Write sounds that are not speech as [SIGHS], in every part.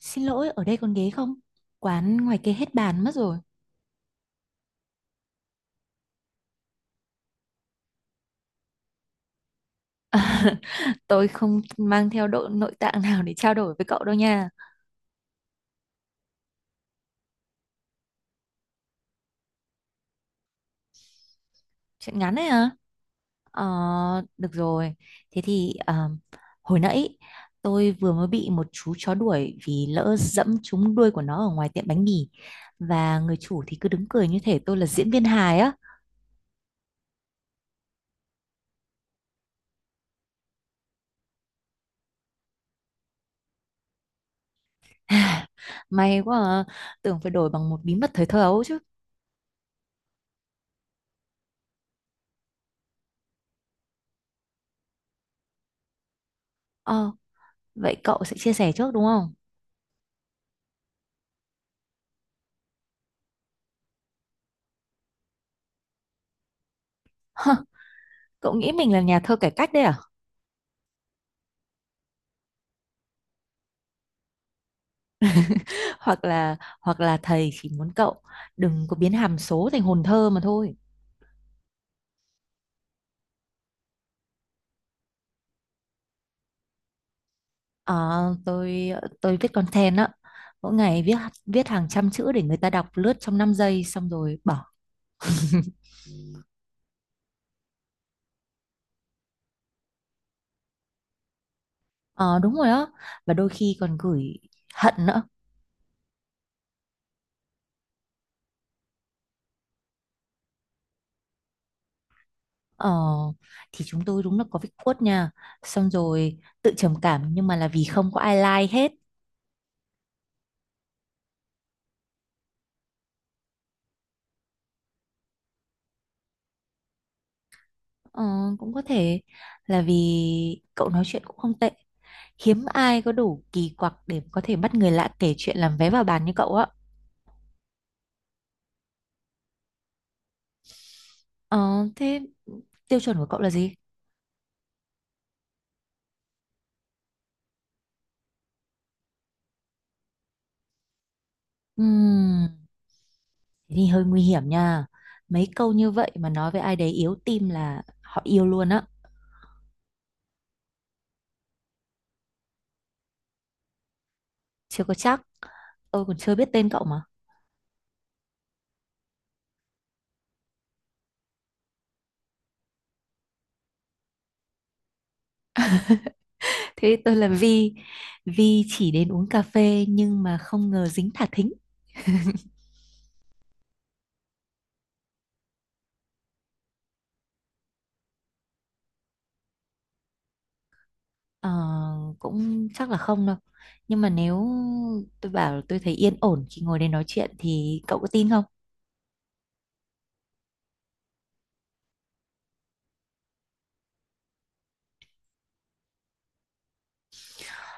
Xin lỗi, ở đây còn ghế không? Quán ngoài kia hết bàn mất rồi. [LAUGHS] Tôi không mang theo độ nội tạng nào để trao đổi với cậu đâu nha. Chuyện ngắn đấy hả? Ờ, Được rồi. Thế thì hồi nãy tôi vừa mới bị một chú chó đuổi vì lỡ dẫm trúng đuôi của nó ở ngoài tiệm bánh mì. Và người chủ thì cứ đứng cười như thể tôi là diễn viên hài á. [LAUGHS] [SIGHS] May quá à. Tưởng phải đổi bằng một bí mật thời thơ ấu chứ. Ờ, Vậy cậu sẽ chia sẻ trước đúng không? [LAUGHS] Cậu nghĩ mình là nhà thơ cải cách đấy à? [LAUGHS] Hoặc là thầy chỉ muốn cậu đừng có biến hàm số thành hồn thơ mà thôi. à, tôi viết content á, mỗi ngày viết viết hàng trăm chữ để người ta đọc lướt trong 5 giây xong rồi bỏ. [LAUGHS] Ờ đúng rồi á, và đôi khi còn gửi hận nữa. Ờ, thì chúng tôi đúng là có việc quất nha, xong rồi tự trầm cảm nhưng mà là vì không có ai like hết. Ờ, cũng có thể là vì cậu nói chuyện cũng không tệ. Hiếm ai có đủ kỳ quặc để có thể bắt người lạ kể chuyện làm vé vào bàn như cậu á. Ờ, Thế tiêu chuẩn của cậu là gì? Ừm, Thế thì hơi nguy hiểm nha, mấy câu như vậy mà nói với ai đấy yếu tim là họ yêu luôn á. Chưa có chắc, tôi còn chưa biết tên cậu mà. Thế tôi là Vi. Vi chỉ đến uống cà phê nhưng mà không ngờ dính thả thính. Ờ, Cũng chắc là không đâu, nhưng mà nếu tôi bảo là tôi thấy yên ổn khi ngồi đây nói chuyện thì cậu có tin không?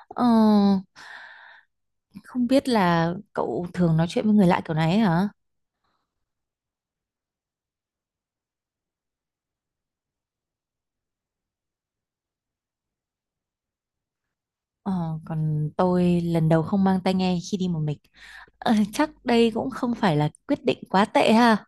Ờ. Không biết là cậu thường nói chuyện với người lạ kiểu này ấy hả? Ờ, Còn tôi lần đầu không mang tai nghe khi đi một mình. Chắc đây cũng không phải là quyết định quá tệ ha.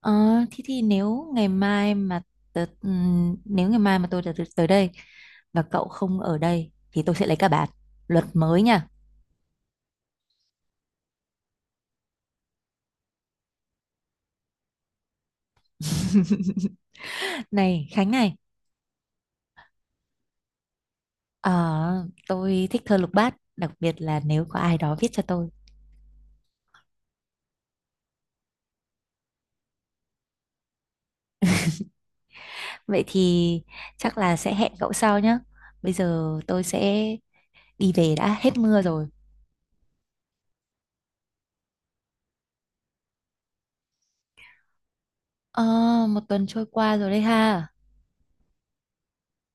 Ờ, Thế thì nếu ngày mai mà nếu ngày mai mà tôi tới tới đây và cậu không ở đây thì tôi sẽ lấy cả bạn. Luật mới nha. [LAUGHS] Này Khánh này, ờ, tôi thích thơ lục bát, đặc biệt là nếu có ai đó viết cho tôi. Vậy thì chắc là sẽ hẹn cậu sau nhé. Bây giờ tôi sẽ đi về, đã hết mưa rồi. Ờ, một tuần trôi qua rồi đấy ha.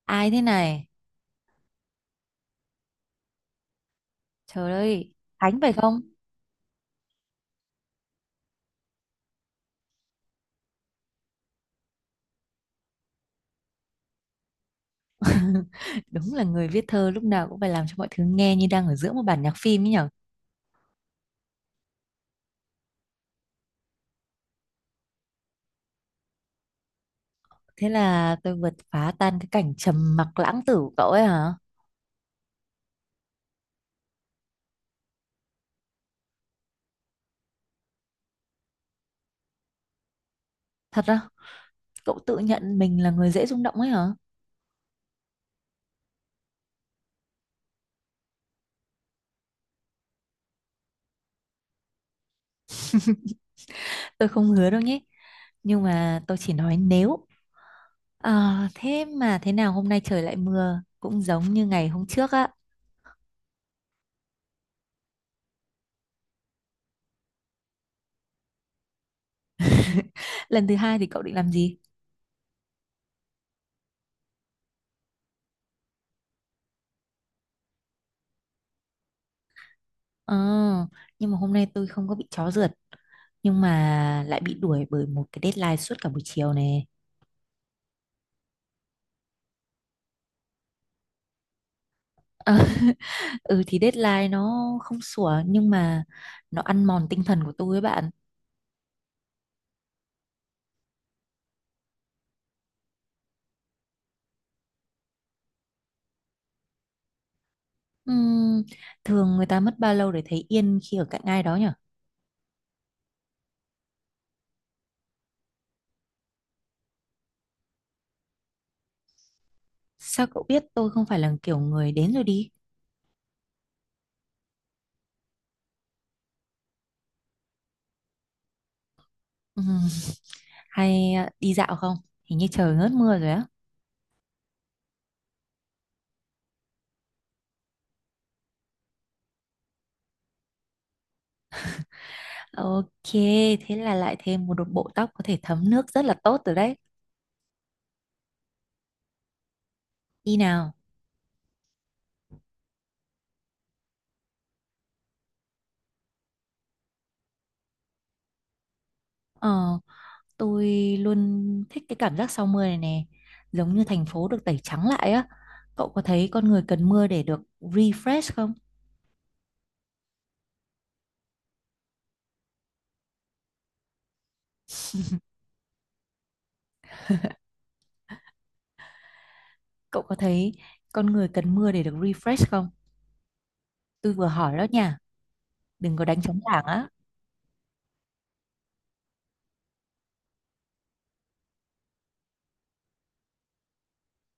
Ai thế này? Trời ơi, Khánh phải không? [LAUGHS] Đúng là người viết thơ lúc nào cũng phải làm cho mọi thứ nghe như đang ở giữa một bản nhạc phim ấy nhở. Thế là tôi vượt phá tan cái cảnh trầm mặc lãng tử của cậu ấy hả? Thật á, cậu tự nhận mình là người dễ rung động ấy hả? Tôi không hứa đâu nhé. Nhưng mà tôi chỉ nói nếu… Ờ, thế mà thế nào hôm nay trời lại mưa cũng giống như ngày hôm trước á. Lần thứ hai thì cậu định làm gì? Ờ, nhưng mà hôm nay tôi không có bị chó rượt, nhưng mà lại bị đuổi bởi một cái deadline suốt cả buổi chiều này. Ờ, [LAUGHS] ừ thì deadline nó không sủa, nhưng mà nó ăn mòn tinh thần của tôi ấy bạn. Ừm, thường người ta mất bao lâu để thấy yên khi ở cạnh ai đó nhỉ? Sao cậu biết tôi không phải là kiểu người đến rồi đi? Ừm, [LAUGHS] hay à, đi dạo không? Hình như trời ngớt mưa rồi á. Ok, thế là lại thêm một bộ tóc có thể thấm nước rất là tốt rồi đấy. Đi nào. Ờ, tôi luôn thích cái cảm giác sau mưa này nè. Giống như thành phố được tẩy trắng lại á. Cậu có thấy con người cần mưa để được refresh không? Cậu có thấy con người cần mưa để được refresh không? Tôi vừa hỏi đó nha. Đừng có đánh trống lảng á.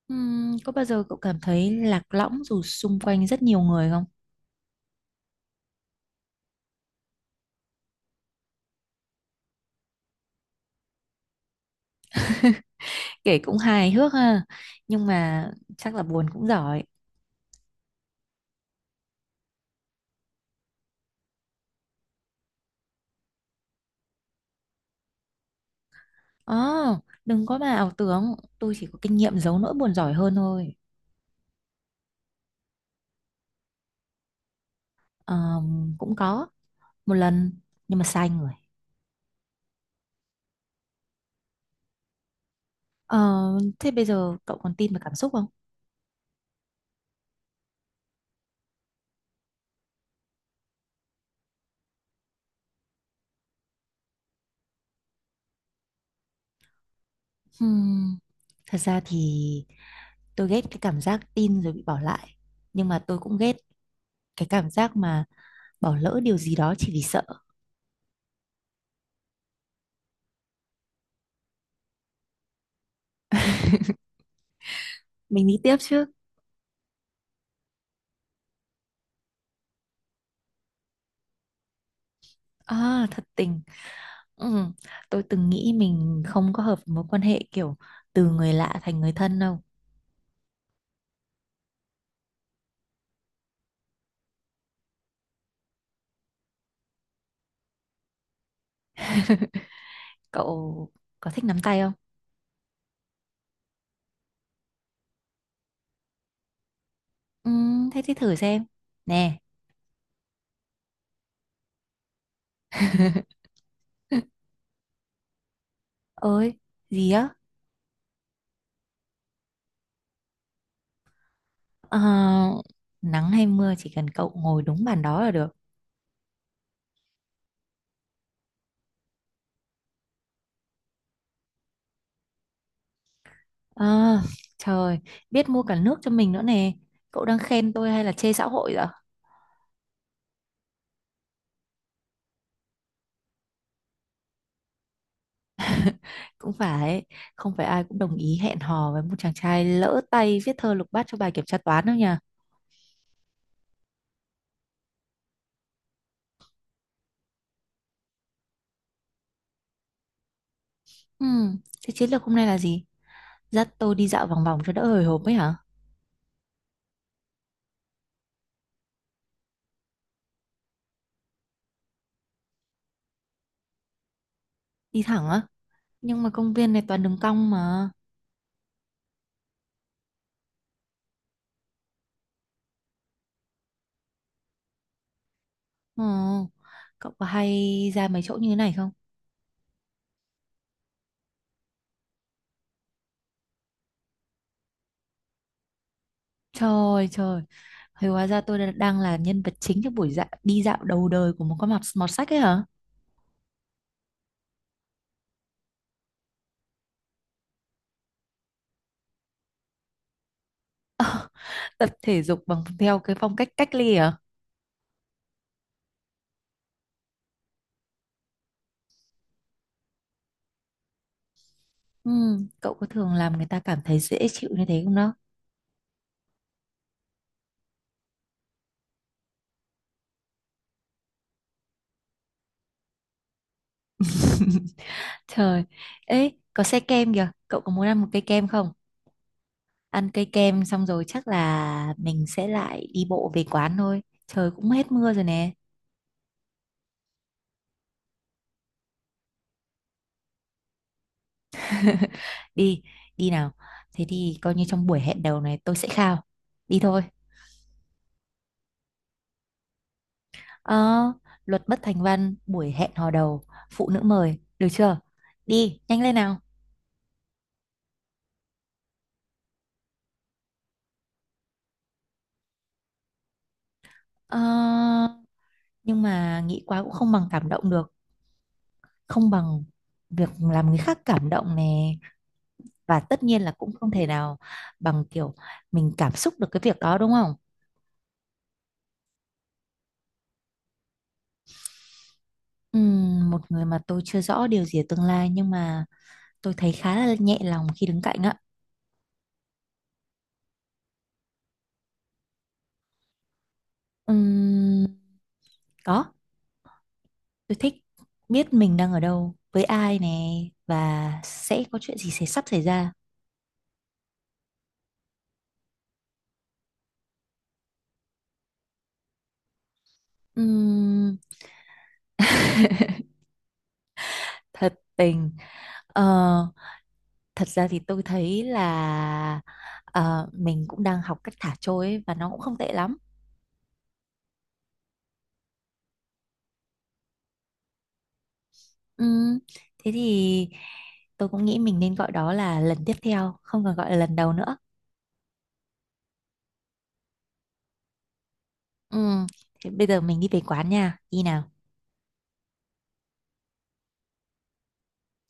Có bao giờ cậu cảm thấy lạc lõng dù xung quanh rất nhiều người không? Kể cũng hài hước ha. Nhưng mà chắc là buồn cũng giỏi. Ờ, đừng có mà ảo tưởng, tôi chỉ có kinh nghiệm giấu nỗi buồn giỏi hơn thôi. Cũng có, một lần, nhưng mà sai người. Ờ, thế bây giờ cậu còn tin vào cảm xúc không? Hmm, thật ra thì tôi ghét cái cảm giác tin rồi bị bỏ lại. Nhưng mà tôi cũng ghét cái cảm giác mà bỏ lỡ điều gì đó chỉ vì sợ. Mình đi tiếp chứ? À, thật tình. Ừ, tôi từng nghĩ mình không có hợp với mối quan hệ kiểu từ người lạ thành người thân đâu. [LAUGHS] Cậu có thích nắm tay không? Ừ, thế thì thử xem. Nè, [LAUGHS] ơi, gì á? Ờ, Nắng hay mưa chỉ cần cậu ngồi đúng bàn đó là được. Ờ, Trời, biết mua cả nước cho mình nữa nè. Cậu đang khen tôi hay là chê xã hội vậy? Cũng phải, không phải ai cũng đồng ý hẹn hò với một chàng trai lỡ tay viết thơ lục bát cho bài kiểm tra toán đâu nhỉ? Ừ, thế chiến lược hôm nay là gì? Dắt tôi đi dạo vòng vòng cho đỡ hồi hộp ấy hả? Đi thẳng á? Nhưng mà công viên này toàn đường cong mà. Ờ, Cậu có hay ra mấy chỗ như thế này không? Trời trời, thì hóa ra tôi đang là nhân vật chính trong buổi đi dạo đầu đời của một con mọt sách ấy hả? Tập thể dục bằng theo cái phong cách cách ly hả? Ừ, cậu có thường làm người ta cảm thấy dễ chịu như thế không đó? [LAUGHS] Trời, ấy có xe kem kìa, cậu có muốn ăn một cây kem không? Ăn cây kem xong rồi chắc là mình sẽ lại đi bộ về quán thôi. Trời cũng hết mưa rồi nè. [LAUGHS] đi Đi nào. Thế thì coi như trong buổi hẹn đầu này tôi sẽ khao. Đi thôi. Ờ, Luật bất thành văn buổi hẹn hò đầu, phụ nữ mời được chưa? Đi nhanh lên nào. Ờ, nhưng mà nghĩ quá cũng không bằng cảm động được, không bằng việc làm người khác cảm động nè, và tất nhiên là cũng không thể nào bằng kiểu mình cảm xúc được cái việc đó đúng không? Một người mà tôi chưa rõ điều gì ở tương lai, nhưng mà tôi thấy khá là nhẹ lòng khi đứng cạnh ạ. Ừm, Có, tôi thích biết mình đang ở đâu, với ai nè, và sẽ có chuyện gì sẽ sắp xảy ra. Ừm, thật tình, ờ, thật ra thì tôi thấy là mình cũng đang học cách thả trôi ấy, và nó cũng không tệ lắm. Ừm, Thế thì tôi cũng nghĩ mình nên gọi đó là lần tiếp theo, không còn gọi là lần đầu nữa. Ừm, Thế bây giờ mình đi về quán nha, đi nào.